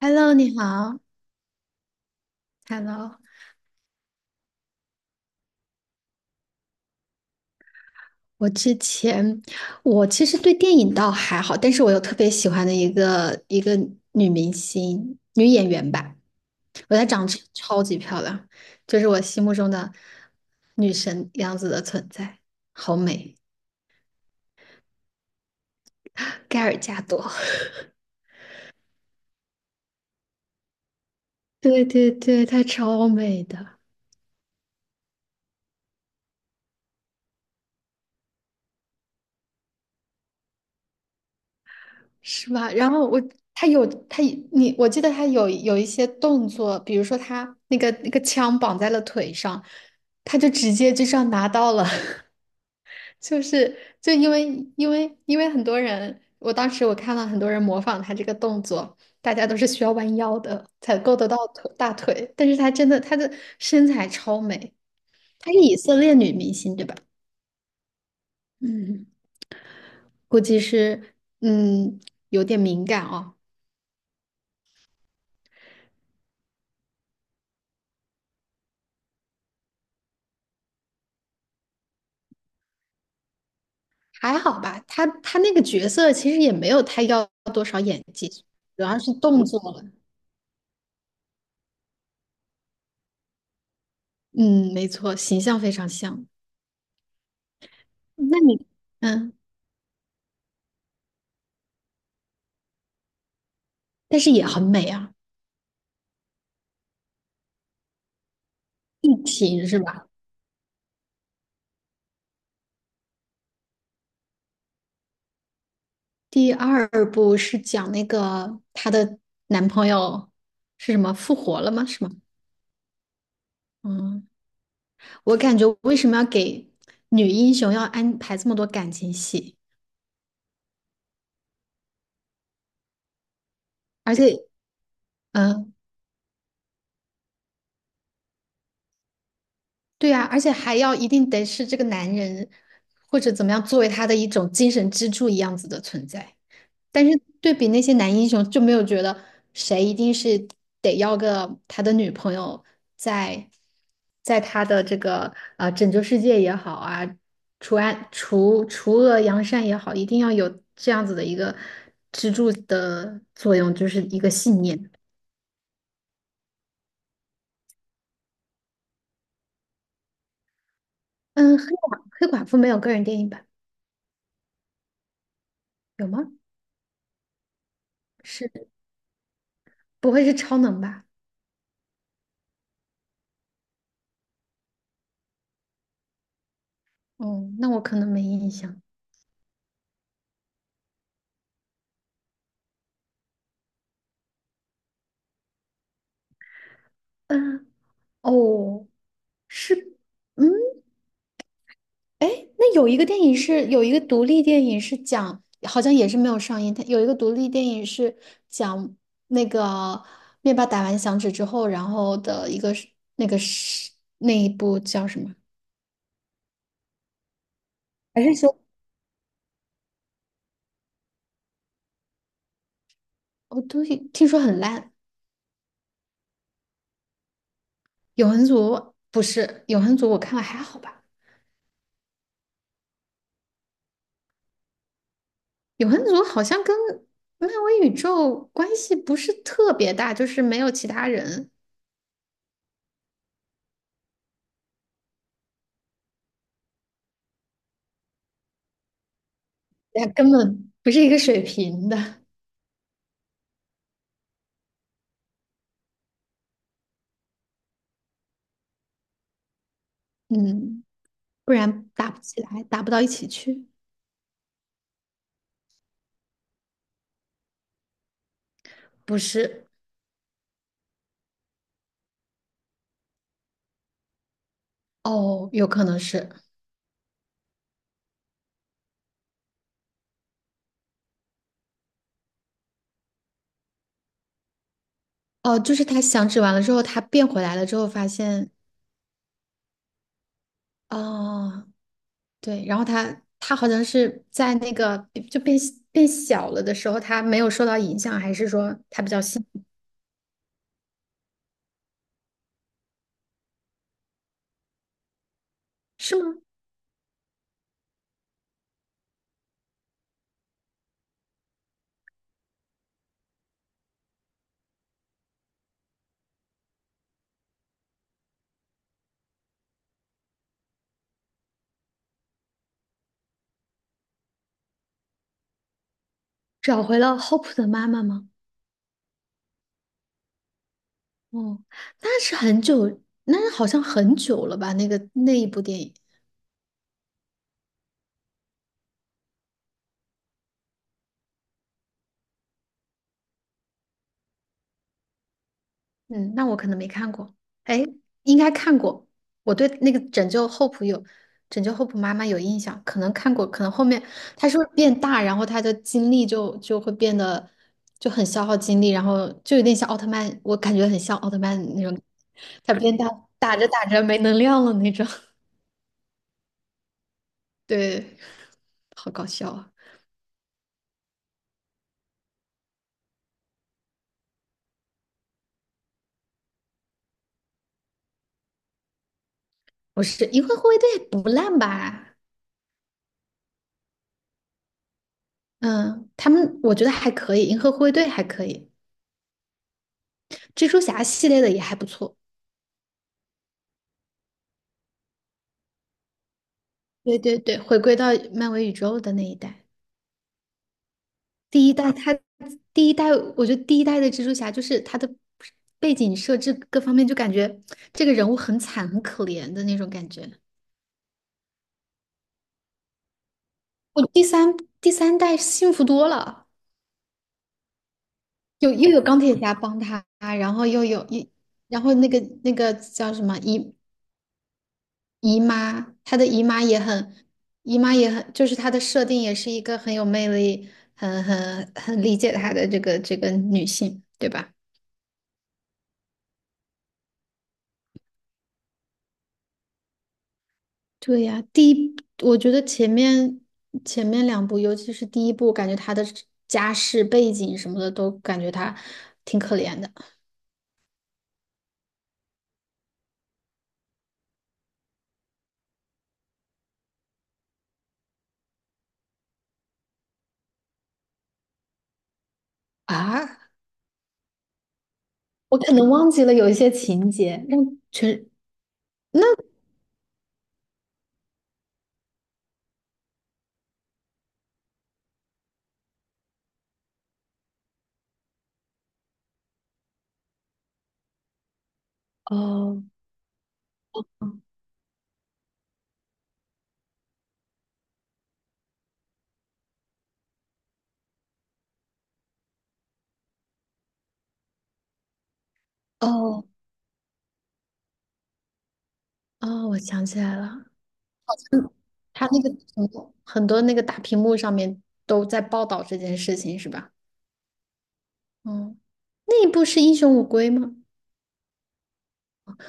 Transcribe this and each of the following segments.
Hello，你好。Hello，我之前我其实对电影倒还好，但是我有特别喜欢的一个女明星、女演员吧，我觉得她长得超级漂亮，就是我心目中的女神样子的存在，好美，盖尔加朵。对对对，她超美的。是吧？他有他我记得他有一些动作，比如说他那个枪绑在了腿上，他就直接就这样拿到了。就是就因为因为因为很多人，我当时我看了很多人模仿他这个动作，大家都是需要弯腰的才够得到腿大腿，但是他的身材超美。她是以色列女明星对吧？嗯，估计是嗯有点敏感哦。还好吧，他那个角色其实也没有太要多少演技，主要是动作了。嗯，没错，形象非常像。那你，嗯，但是也很美啊，行是吧？第二部是讲那个她的男朋友是什么复活了吗？是吗？嗯，我感觉为什么要给女英雄要安排这么多感情戏，而且，嗯、对啊，而且还要一定得是这个男人，或者怎么样，作为他的一种精神支柱一样子的存在。但是对比那些男英雄，就没有觉得谁一定是得要个他的女朋友在，他的这个拯救世界也好啊，除暗除除恶扬善也好，一定要有这样子的一个支柱的作用，就是一个信念。嗯，黑寡妇没有个人电影版，有吗？是不会是超能吧？哦，那我可能没印象。嗯，哦，是，嗯，哎，那有一个电影是有一个独立电影是讲，好像也是没有上映。它有一个独立电影是讲那个灭霸打完响指之后，然后的一个是那个是那一部叫什么？还是说哦，对，听说很烂。永恒族不是，永恒族我看了还好吧。永恒族好像跟漫威宇宙关系不是特别大，就是没有其他人。那根本不是一个水平的。嗯，不然打不起来，打不到一起去。不是，哦，有可能是，哦，就是他响指完了之后，他变回来了之后，发现，哦，对，然后他好像是在那个就变变小了的时候，他没有受到影响，还是说他比较幸运，是吗？找回了 Hope 的妈妈吗？哦，那是很久，那是好像很久了吧？那个那一部电影。嗯，那我可能没看过，哎，应该看过。我对那个《拯救 Hope 有《拯救 Hope 妈妈》有印象，可能看过，可能后面她是不是变大，然后她的精力就会变得就很消耗精力，然后就有点像奥特曼，我感觉很像奥特曼那种，她变大打着打着没能量了那种。对，好搞笑啊！不是《银河护卫队》不烂吧？嗯，他们我觉得还可以，《银河护卫队》还可以，蜘蛛侠系列的也还不错。对对对，回归到漫威宇宙的那一代，第一代他第一代，我觉得第一代的蜘蛛侠就是他的背景设置各方面，就感觉这个人物很惨很可怜的那种感觉。我第三代幸福多了，有又有钢铁侠帮他，然后又有一，然后那个叫什么姨，他的姨妈也很，就是她的设定也是一个很有魅力，很很理解她的这个女性，对吧？对呀，第一，我觉得前面两部，尤其是第一部，感觉他的家世背景什么的，都感觉他挺可怜的。啊？我可能忘记了有一些情节，让全那，哦，哦哦，我想起来了，嗯，他那个很多那个大屏幕上面都在报道这件事情，是吧？嗯，那一部是《英雄无归》吗？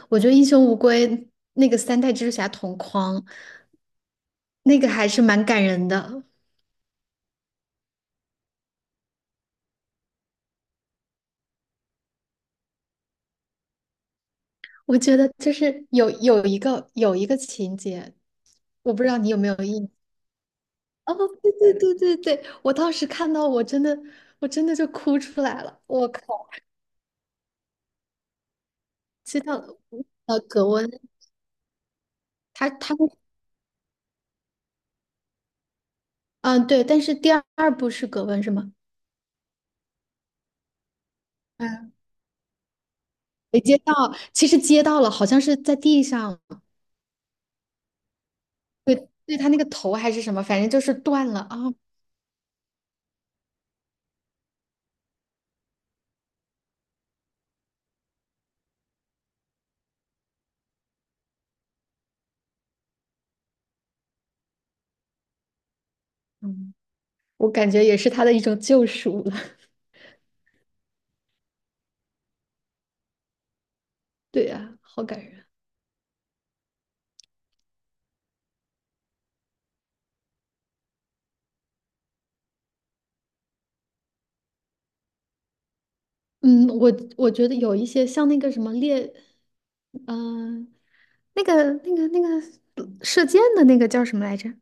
我觉得《英雄无归》那个三代蜘蛛侠同框，那个还是蛮感人的。我觉得就是有一个情节，我不知道你有没有印，哦，对对对对对，我当时看到我真的就哭出来了。我靠，知道，呃，葛温他嗯对，但是第二部是葛温是吗？嗯，没接到，其实接到了，好像是在地上，对对，他那个头还是什么，反正就是断了啊。嗯，我感觉也是他的一种救赎了。对呀，好感人。嗯，我觉得有一些像那个什么猎，嗯、那个射箭的那个叫什么来着？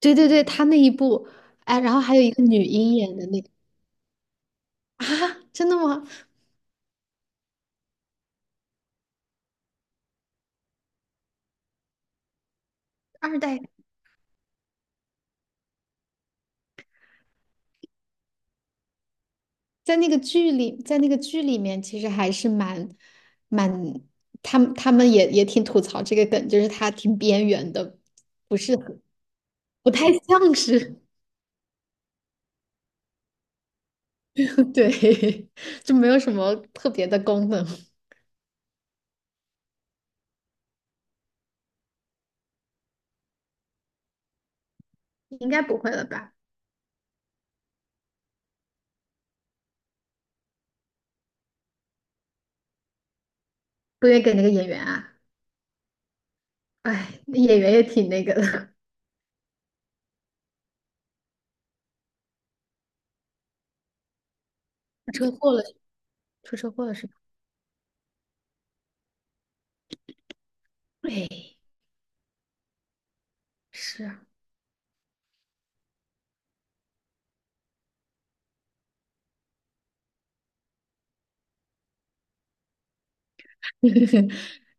对对对，他那一部，哎，然后还有一个女鹰演的那个。 啊，真的吗？二代。在那个剧里，在那个剧里面，其实还是蛮，蛮，他们也挺吐槽这个梗，就是他挺边缘的，不是很，不太像是。对，就没有什么特别的功能。应该不会了吧？不愿意给那个演员啊？哎，那演员也挺那个的。出车祸了，出车祸了是吧？哎，是啊，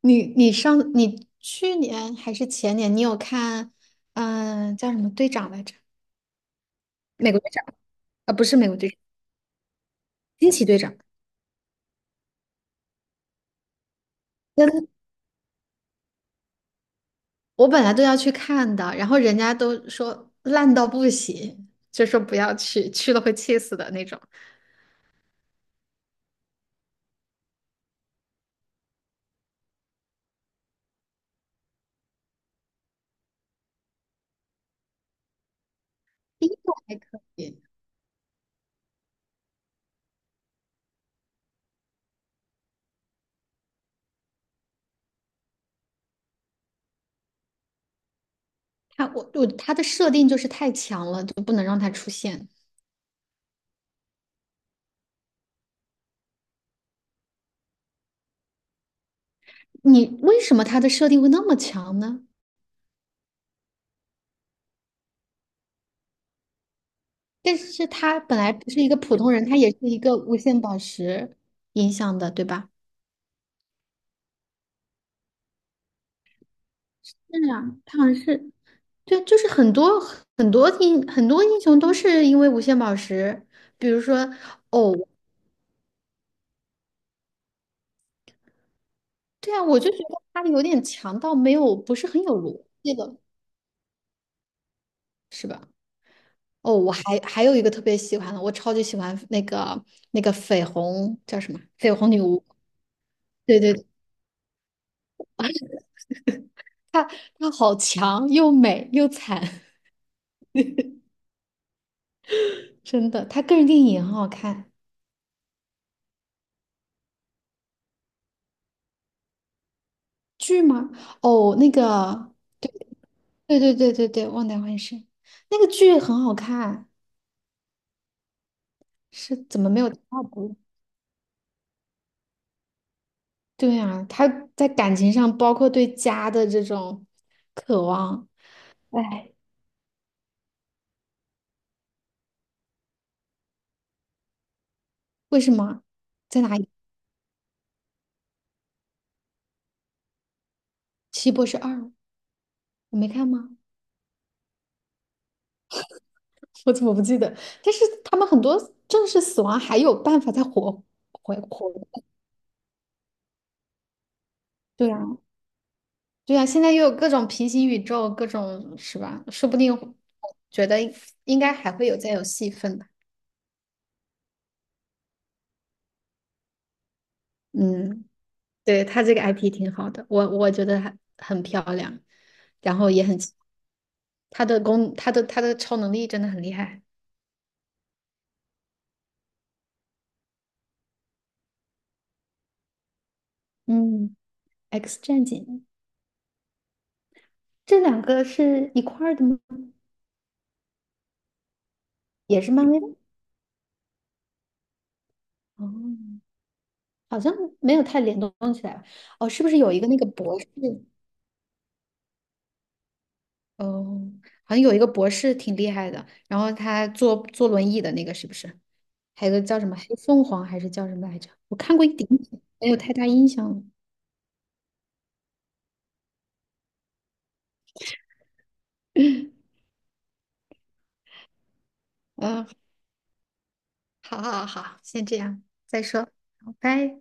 你去年还是前年，你有看，叫什么队长来着？美国队长，啊，不是美国队长，惊奇队长。跟我本来都要去看的，然后人家都说烂到不行，就说不要去，去了会气死的那种。第一部还可以，它它的设定就是太强了，就不能让它出现。你为什么它的设定会那么强呢？但是它本来不是一个普通人，它也是一个无限宝石影响的，对吧？是啊，他好像是，对，就是很多，很多英雄都是因为无限宝石，比如说，哦，对啊，我就觉得他有点强到没有，不是很有逻辑了。哦，我还有一个特别喜欢的，我超级喜欢那个，那个绯红叫什么？绯红女巫。对对，她，好强，又美又惨，真的。她个人电影也很好看。剧吗？哦，那个，对对对对对，忘掉幻视，那个剧很好看，是怎么没有第二部？对啊，她在感情上，包括对家的这种渴望，哎，为什么在哪里？奇异博士二，我没看吗？我怎么不记得？但是他们很多正式死亡还有办法再活，回活过来，对啊，对啊，现在又有各种平行宇宙，各种是吧？说不定觉得应该还会有再有戏份吧。嗯，对，他这个 IP 挺好的，我觉得很，漂亮，然后也很奇，他的超能力真的很厉害。嗯，X 战警这两个是一块儿的吗？也是漫威的？哦。好像没有太联动起来吧。哦，是不是有一个那个博士？哦，好像有一个博士挺厉害的，然后他坐轮椅的那个是不是？还有个叫什么黑凤凰还是叫什么来着？我看过一点点，没有太大印象了。嗯，好好好，先这样，再说，好，拜。